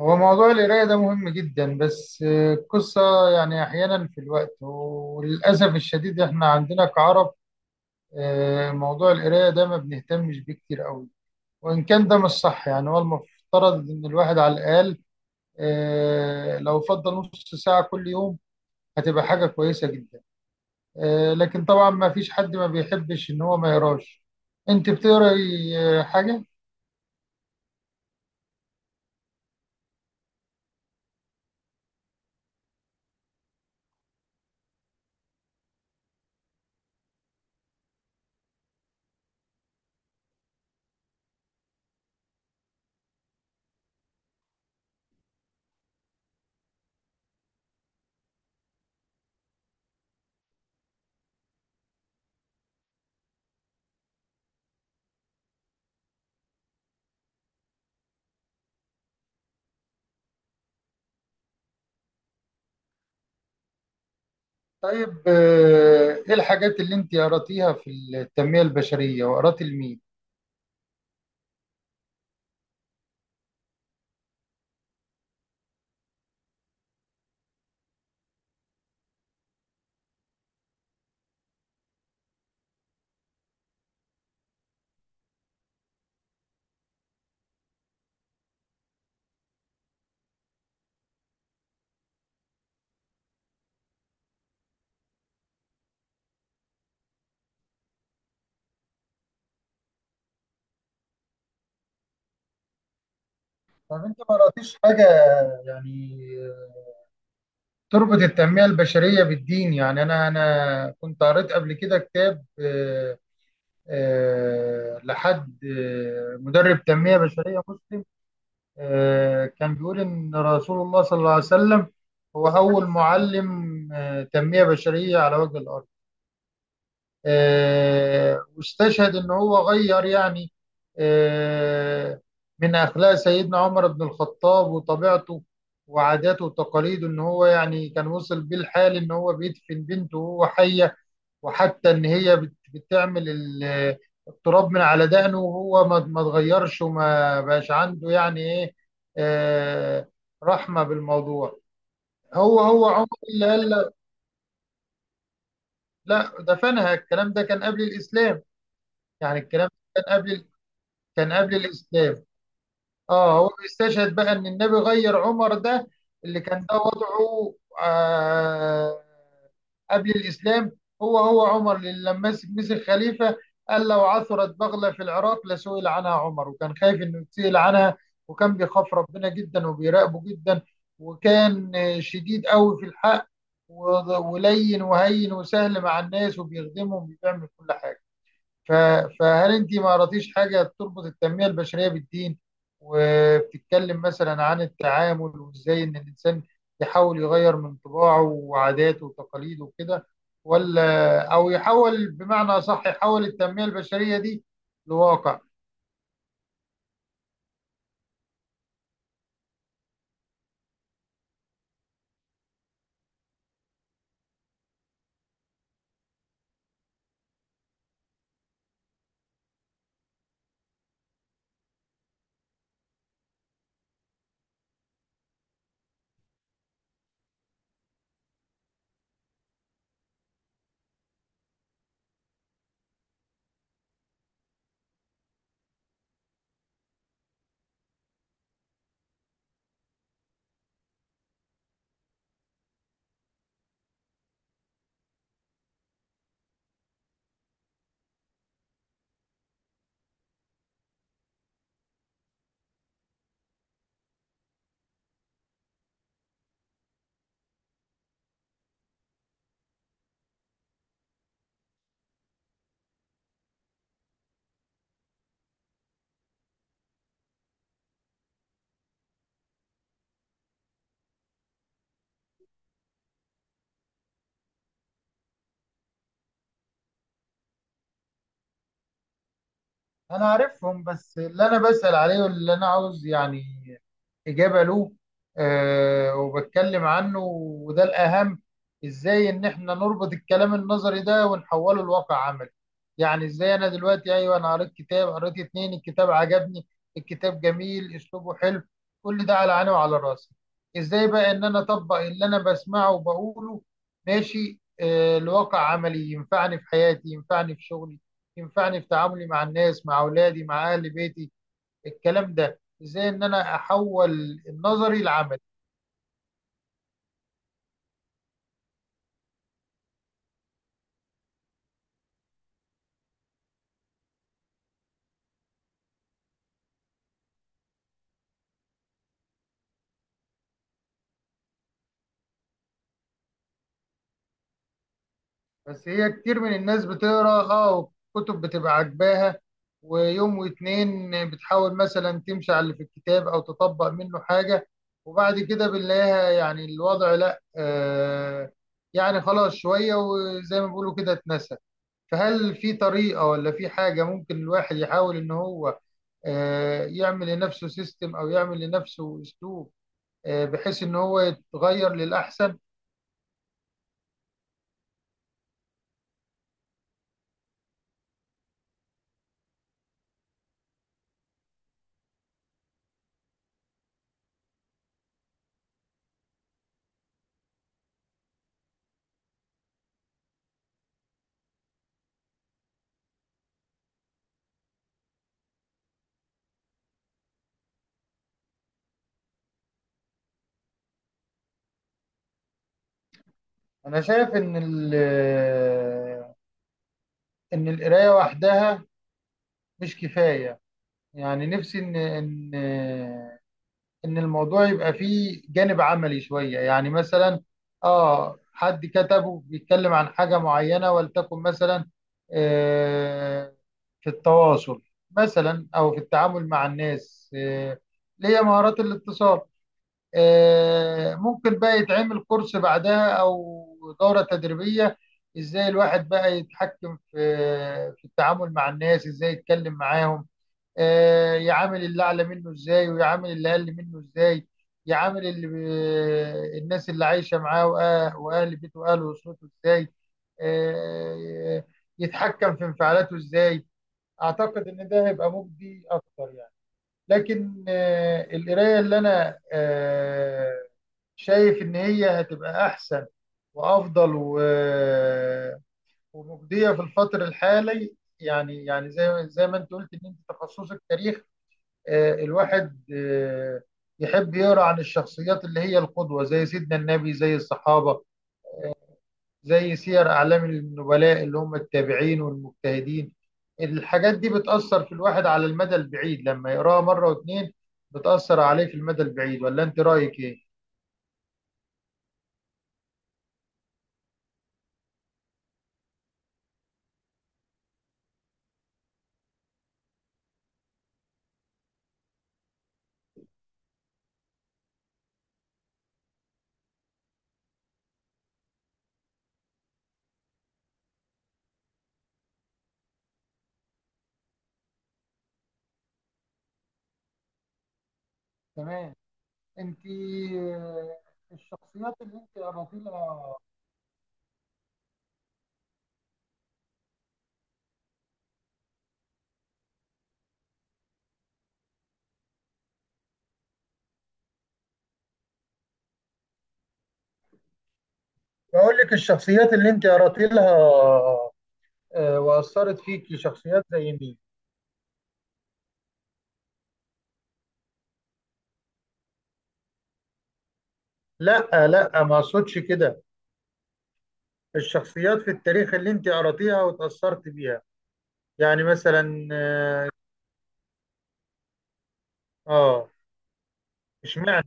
هو موضوع القراية ده مهم جدا بس القصة يعني أحيانا في الوقت، وللأسف الشديد إحنا عندنا كعرب موضوع القراية ده ما بنهتمش بيه كتير قوي. وإن كان ده مش صح، يعني هو المفترض إن الواحد على الأقل لو فضل نص ساعة كل يوم هتبقى حاجة كويسة جدا. لكن طبعا ما فيش حد ما بيحبش إن هو ما يقراش. أنت بتقرأي حاجة؟ طيب إيه الحاجات اللي أنت قرأتيها في التنمية البشرية وقرأت لمين؟ طب انت ما قراتيش حاجه يعني تربط التنميه البشريه بالدين؟ يعني انا كنت قريت قبل كده كتاب، آه، آه، لحد آه، مدرب تنميه بشريه مسلم، كان بيقول ان رسول الله صلى الله عليه وسلم هو اول معلم تنميه بشريه على وجه الارض. واستشهد ان هو غير، يعني آه، من اخلاق سيدنا عمر بن الخطاب وطبيعته وعاداته وتقاليده، ان هو يعني كان وصل بيه الحال ان هو بيدفن بنته وهو حيه، وحتى ان هي بتعمل التراب من على دقنه وهو ما اتغيرش وما بقاش عنده يعني ايه آه، رحمه بالموضوع. هو عمر اللي قال لا، لا، دفنها الكلام ده كان قبل الاسلام. يعني الكلام ده كان قبل، كان قبل الاسلام. اه هو بيستشهد بقى ان النبي غير عمر ده اللي كان ده وضعه آه قبل الاسلام. هو عمر اللي لما مسك خليفه قال لو عثرت بغله في العراق لسئل عنها عمر، وكان خايف انه يتسئل عنها، وكان بيخاف ربنا جدا وبيراقبه جدا، وكان شديد قوي في الحق ولين وهين وسهل مع الناس وبيخدمهم وبيعمل كل حاجه. ف- فهل انت ما قراتيش حاجه بتربط التنميه البشريه بالدين وبتتكلم مثلا عن التعامل وازاي ان الانسان يحاول يغير من طباعه وعاداته وتقاليده وكده، ولا او يحول بمعنى اصح، يحول التنميه البشريه دي لواقع؟ انا عارفهم، بس اللي انا بسأل عليه واللي انا عاوز يعني اجابة له أه وبتكلم عنه، وده الاهم، ازاي ان احنا نربط الكلام النظري ده ونحوله لواقع عملي. يعني ازاي انا دلوقتي، ايوه انا قريت كتاب، قريت اتنين، الكتاب عجبني، الكتاب جميل، اسلوبه حلو، كل ده على عيني وعلى راسي. ازاي بقى ان انا اطبق اللي انا بسمعه وبقوله ماشي أه لواقع عملي، ينفعني في حياتي، ينفعني في شغلي، ينفعني في تعاملي مع الناس، مع اولادي، مع اهل بيتي. الكلام ده ازاي ان انا احول النظري لعملي؟ بس هي كتير من الناس بتقرا اه كتب بتبقى عاجباها، ويوم واتنين بتحاول مثلا تمشي على اللي في الكتاب او تطبق منه حاجه، وبعد كده بنلاقيها يعني الوضع لا آه، يعني خلاص شويه وزي ما بيقولوا كده اتنسى. فهل في طريقه ولا في حاجه ممكن الواحد يحاول ان هو يعمل لنفسه سيستم او يعمل لنفسه اسلوب بحيث ان هو يتغير للاحسن؟ انا شايف ان ال- آه، ان القرايه وحدها مش كفايه. يعني نفسي ان الموضوع يبقى فيه جانب عملي شويه. يعني مثلا اه حد كتبه بيتكلم عن حاجه معينه، ولتكن مثلا آه، في التواصل مثلا او في التعامل مع الناس، اللي هي مهارات الاتصال، ممكن بقى يتعمل كورس بعدها او دورة تدريبية. ازاي الواحد بقى يتحكم في في التعامل مع الناس، ازاي يتكلم معاهم، يعامل اللي اعلى منه ازاي، ويعامل اللي اقل منه ازاي، يعامل اللي الناس اللي عايشة معاه واهل بيته واهل اسرته ازاي، آه، يتحكم في انفعالاته ازاي. اعتقد ان ده هيبقى مجدي اكتر، يعني لكن القرايه اللي انا شايف ان هي هتبقى احسن وافضل و ومجديه في الفتر الحالي. يعني يعني زي ما انت قلت ان انت تخصصك تاريخ، الواحد يحب يقرا عن الشخصيات اللي هي القدوه، زي سيدنا النبي، زي الصحابه، زي سير أعلام النبلاء اللي هم التابعين والمجتهدين. الحاجات دي بتأثر في الواحد على المدى البعيد، لما يقراها مرة واتنين بتأثر عليه في المدى البعيد. ولا أنت رأيك إيه؟ تمام. انت الشخصيات اللي انت قرأت لها، بقول لك الشخصيات اللي انت قرأت لها واثرت فيكي، شخصيات زي مين؟ لا لا، ما اقصدش كده. الشخصيات في التاريخ اللي انت قرأتيها وتاثرت بيها، يعني مثلا. اه اشمعنى؟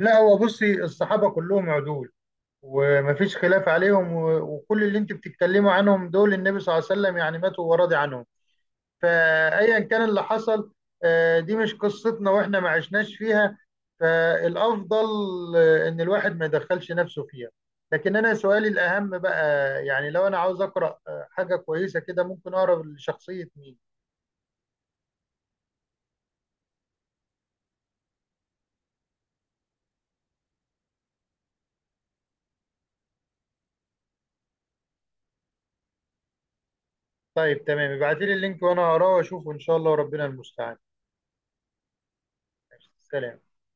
لا هو بصي، الصحابة كلهم عدول ومفيش خلاف عليهم، وكل اللي انت بتتكلموا عنهم دول النبي صلى الله عليه وسلم يعني ماتوا وراضي عنهم. فأيا كان اللي حصل دي مش قصتنا، واحنا ما عشناش فيها، فالأفضل إن الواحد ما يدخلش نفسه فيها. لكن أنا سؤالي الأهم بقى، يعني لو أنا عاوز أقرأ حاجة كويسة كده، ممكن أقرأ لشخصية مين؟ طيب تمام، ابعتيلي اللينك وأنا هقراه وأشوفه إن شاء الله، وربنا المستعان. سلام.